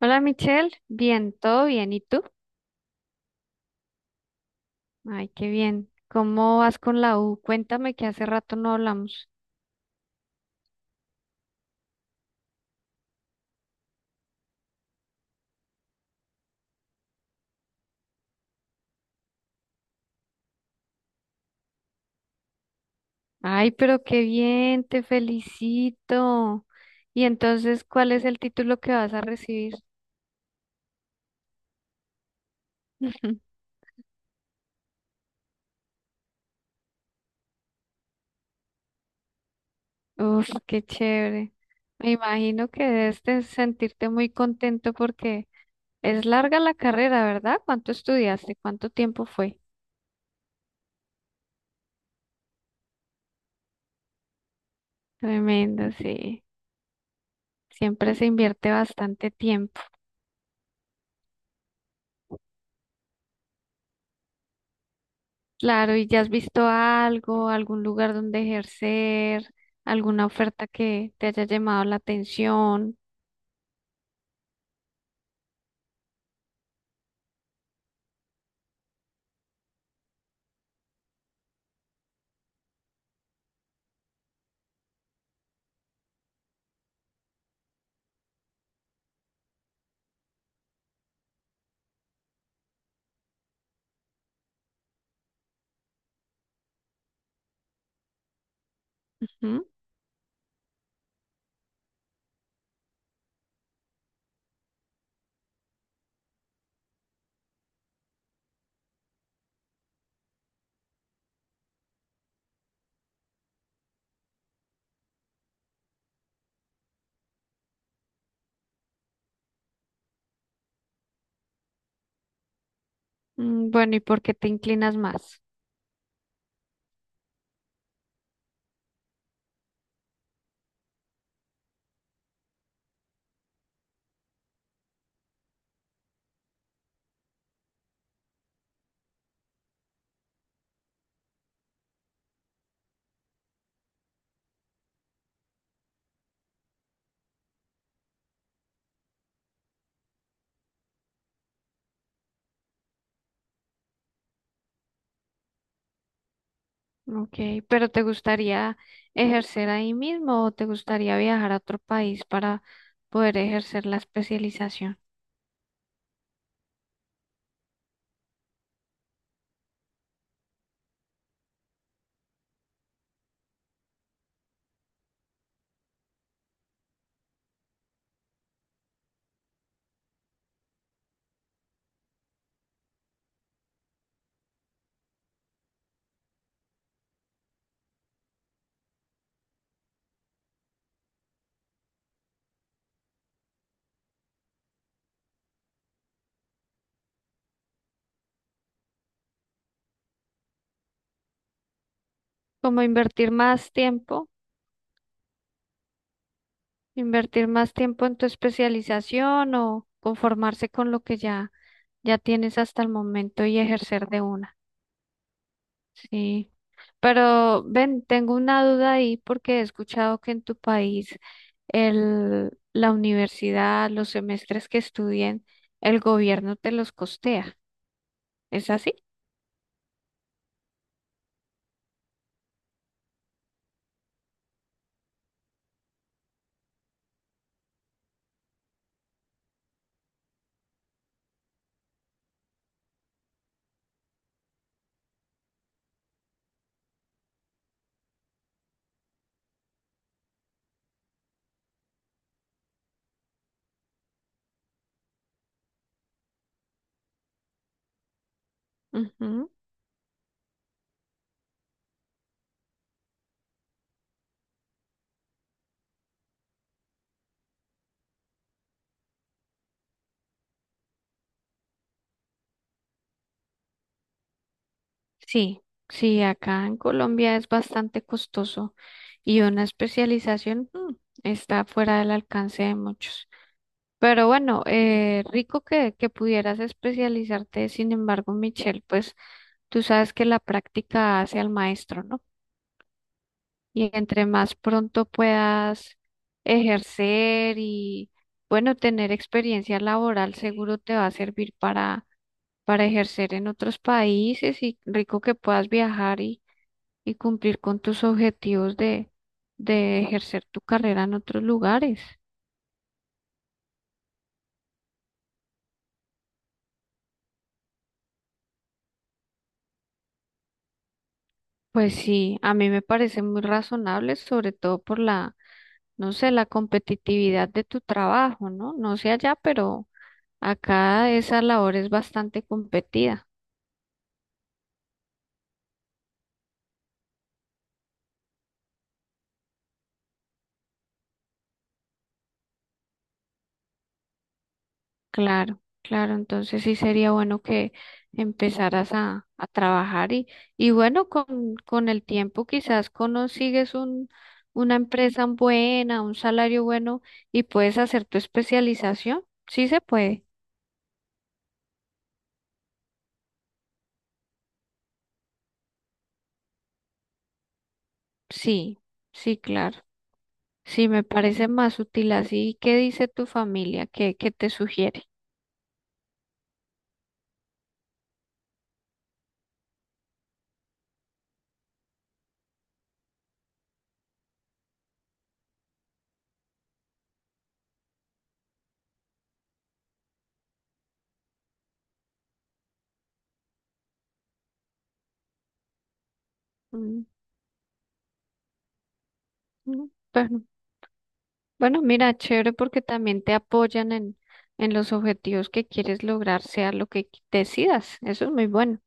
Hola Michelle, bien, todo bien, ¿y tú? Ay, qué bien. ¿Cómo vas con la U? Cuéntame que hace rato no hablamos. Ay, pero qué bien, te felicito. Y entonces, ¿cuál es el título que vas a recibir? Uf, qué chévere. Me imagino que debes de sentirte muy contento porque es larga la carrera, ¿verdad? ¿Cuánto estudiaste? ¿Cuánto tiempo fue? Tremendo, sí. Siempre se invierte bastante tiempo. Claro, ¿y ya has visto algo, algún lugar donde ejercer, alguna oferta que te haya llamado la atención? Ujú. Mm, bueno, ¿y por qué te inclinas más? Ok, pero ¿te gustaría ejercer ahí mismo o te gustaría viajar a otro país para poder ejercer la especialización? ¿Como invertir más tiempo? ¿Invertir más tiempo en tu especialización o conformarse con lo que ya tienes hasta el momento y ejercer de una? Sí, pero ven, tengo una duda ahí porque he escuchado que en tu país la universidad, los semestres que estudien, el gobierno te los costea. ¿Es así? Ujú. Sí, sí, acá en Colombia es bastante costoso y una especialización, está fuera del alcance de muchos. Pero bueno, rico que pudieras especializarte, sin embargo, Michelle, pues tú sabes que la práctica hace al maestro, ¿no? Y entre más pronto puedas ejercer y, bueno, tener experiencia laboral seguro te va a servir para ejercer en otros países y rico que puedas viajar y cumplir con tus objetivos de ejercer tu carrera en otros lugares. Pues sí, a mí me parece muy razonable, sobre todo por la, no sé, la competitividad de tu trabajo, ¿no? No sé allá, pero acá esa labor es bastante competida. Claro, claro, entonces sí sería bueno que empezaras a trabajar y bueno, con el tiempo quizás consigues un, una empresa buena, un salario bueno y puedes hacer tu especialización. Sí se puede, sí, sí, claro. Sí, me parece más útil así. ¿Qué dice tu familia? ¿Qué, qué te sugiere? Mm, mm, bueno. Bueno, mira, chévere porque también te apoyan en los objetivos que quieres lograr, sea lo que qui- decidas. Eso es muy bueno,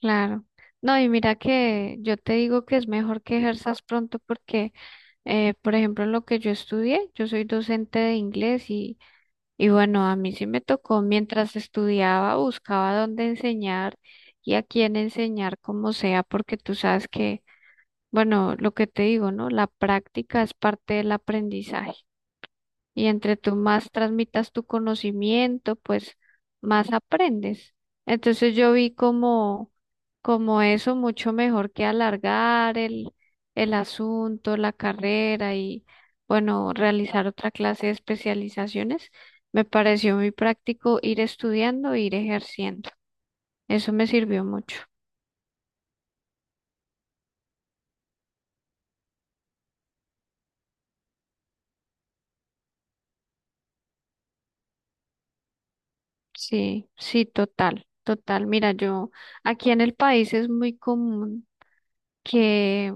claro. No, y mira que yo te digo que es mejor que ejerzas pronto porque, por ejemplo, lo que yo estudié, yo soy docente de inglés y bueno, a mí sí me tocó mientras estudiaba, buscaba dónde enseñar y a quién enseñar, como sea, porque tú sabes que, bueno, lo que te digo, ¿no? La práctica es parte del aprendizaje. Y entre tú más transmitas tu conocimiento, pues más aprendes. Entonces yo vi como, como eso mucho mejor que alargar el asunto, la carrera y, bueno, realizar otra clase de especializaciones. Me pareció muy práctico ir estudiando e ir ejerciendo. Eso me sirvió mucho. Sí, sí, total, total. Mira, yo aquí en el país es muy común que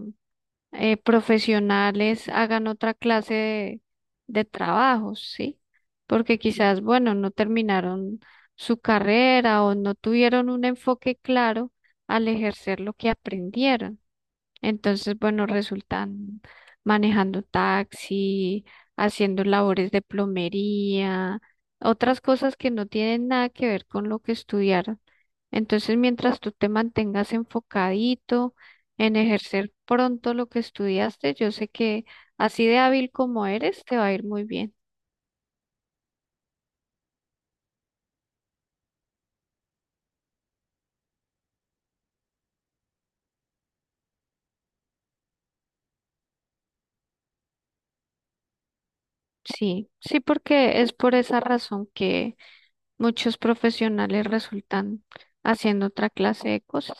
profesionales hagan otra clase de trabajos, ¿sí? Porque quizás, bueno, no terminaron su carrera o no tuvieron un enfoque claro al ejercer lo que aprendieron. Entonces, bueno, resultan manejando taxi, haciendo labores de plomería, otras cosas que no tienen nada que ver con lo que estudiaron. Entonces, mientras tú te mantengas enfocadito en ejercer pronto lo que estudiaste, yo sé que así de hábil como eres, te va a ir muy bien. Sí, sí, porque es por esa razón que muchos profesionales resultan haciendo otra clase de cosas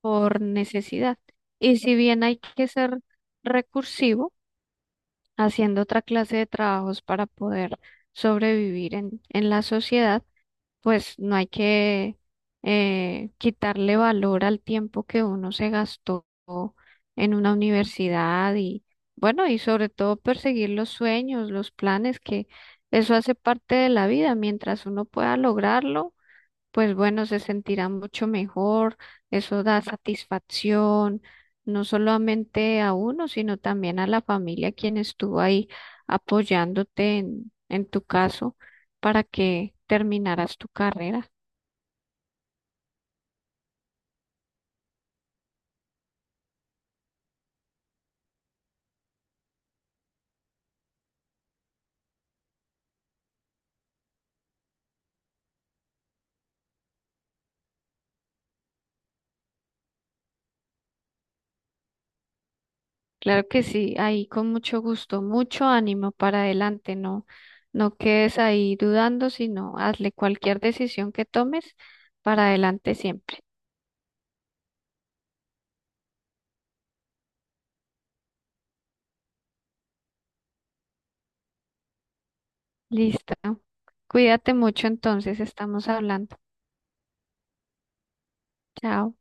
por necesidad. Y si bien hay que ser recursivo, haciendo otra clase de trabajos para poder sobrevivir en la sociedad, pues no hay que quitarle valor al tiempo que uno se gastó en una universidad y bueno, y sobre todo perseguir los sueños, los planes, que eso hace parte de la vida. Mientras uno pueda lograrlo pues bueno, se sentirá mucho mejor, eso da satisfacción, no solamente a uno, sino también a la familia quien estuvo ahí apoyándote en tu caso para que terminaras tu carrera. Claro que sí, ahí con mucho gusto, mucho ánimo para adelante, no, no quedes ahí dudando, sino hazle cualquier decisión que tomes para adelante siempre. Listo. Cuídate mucho entonces, estamos hablando. Chao.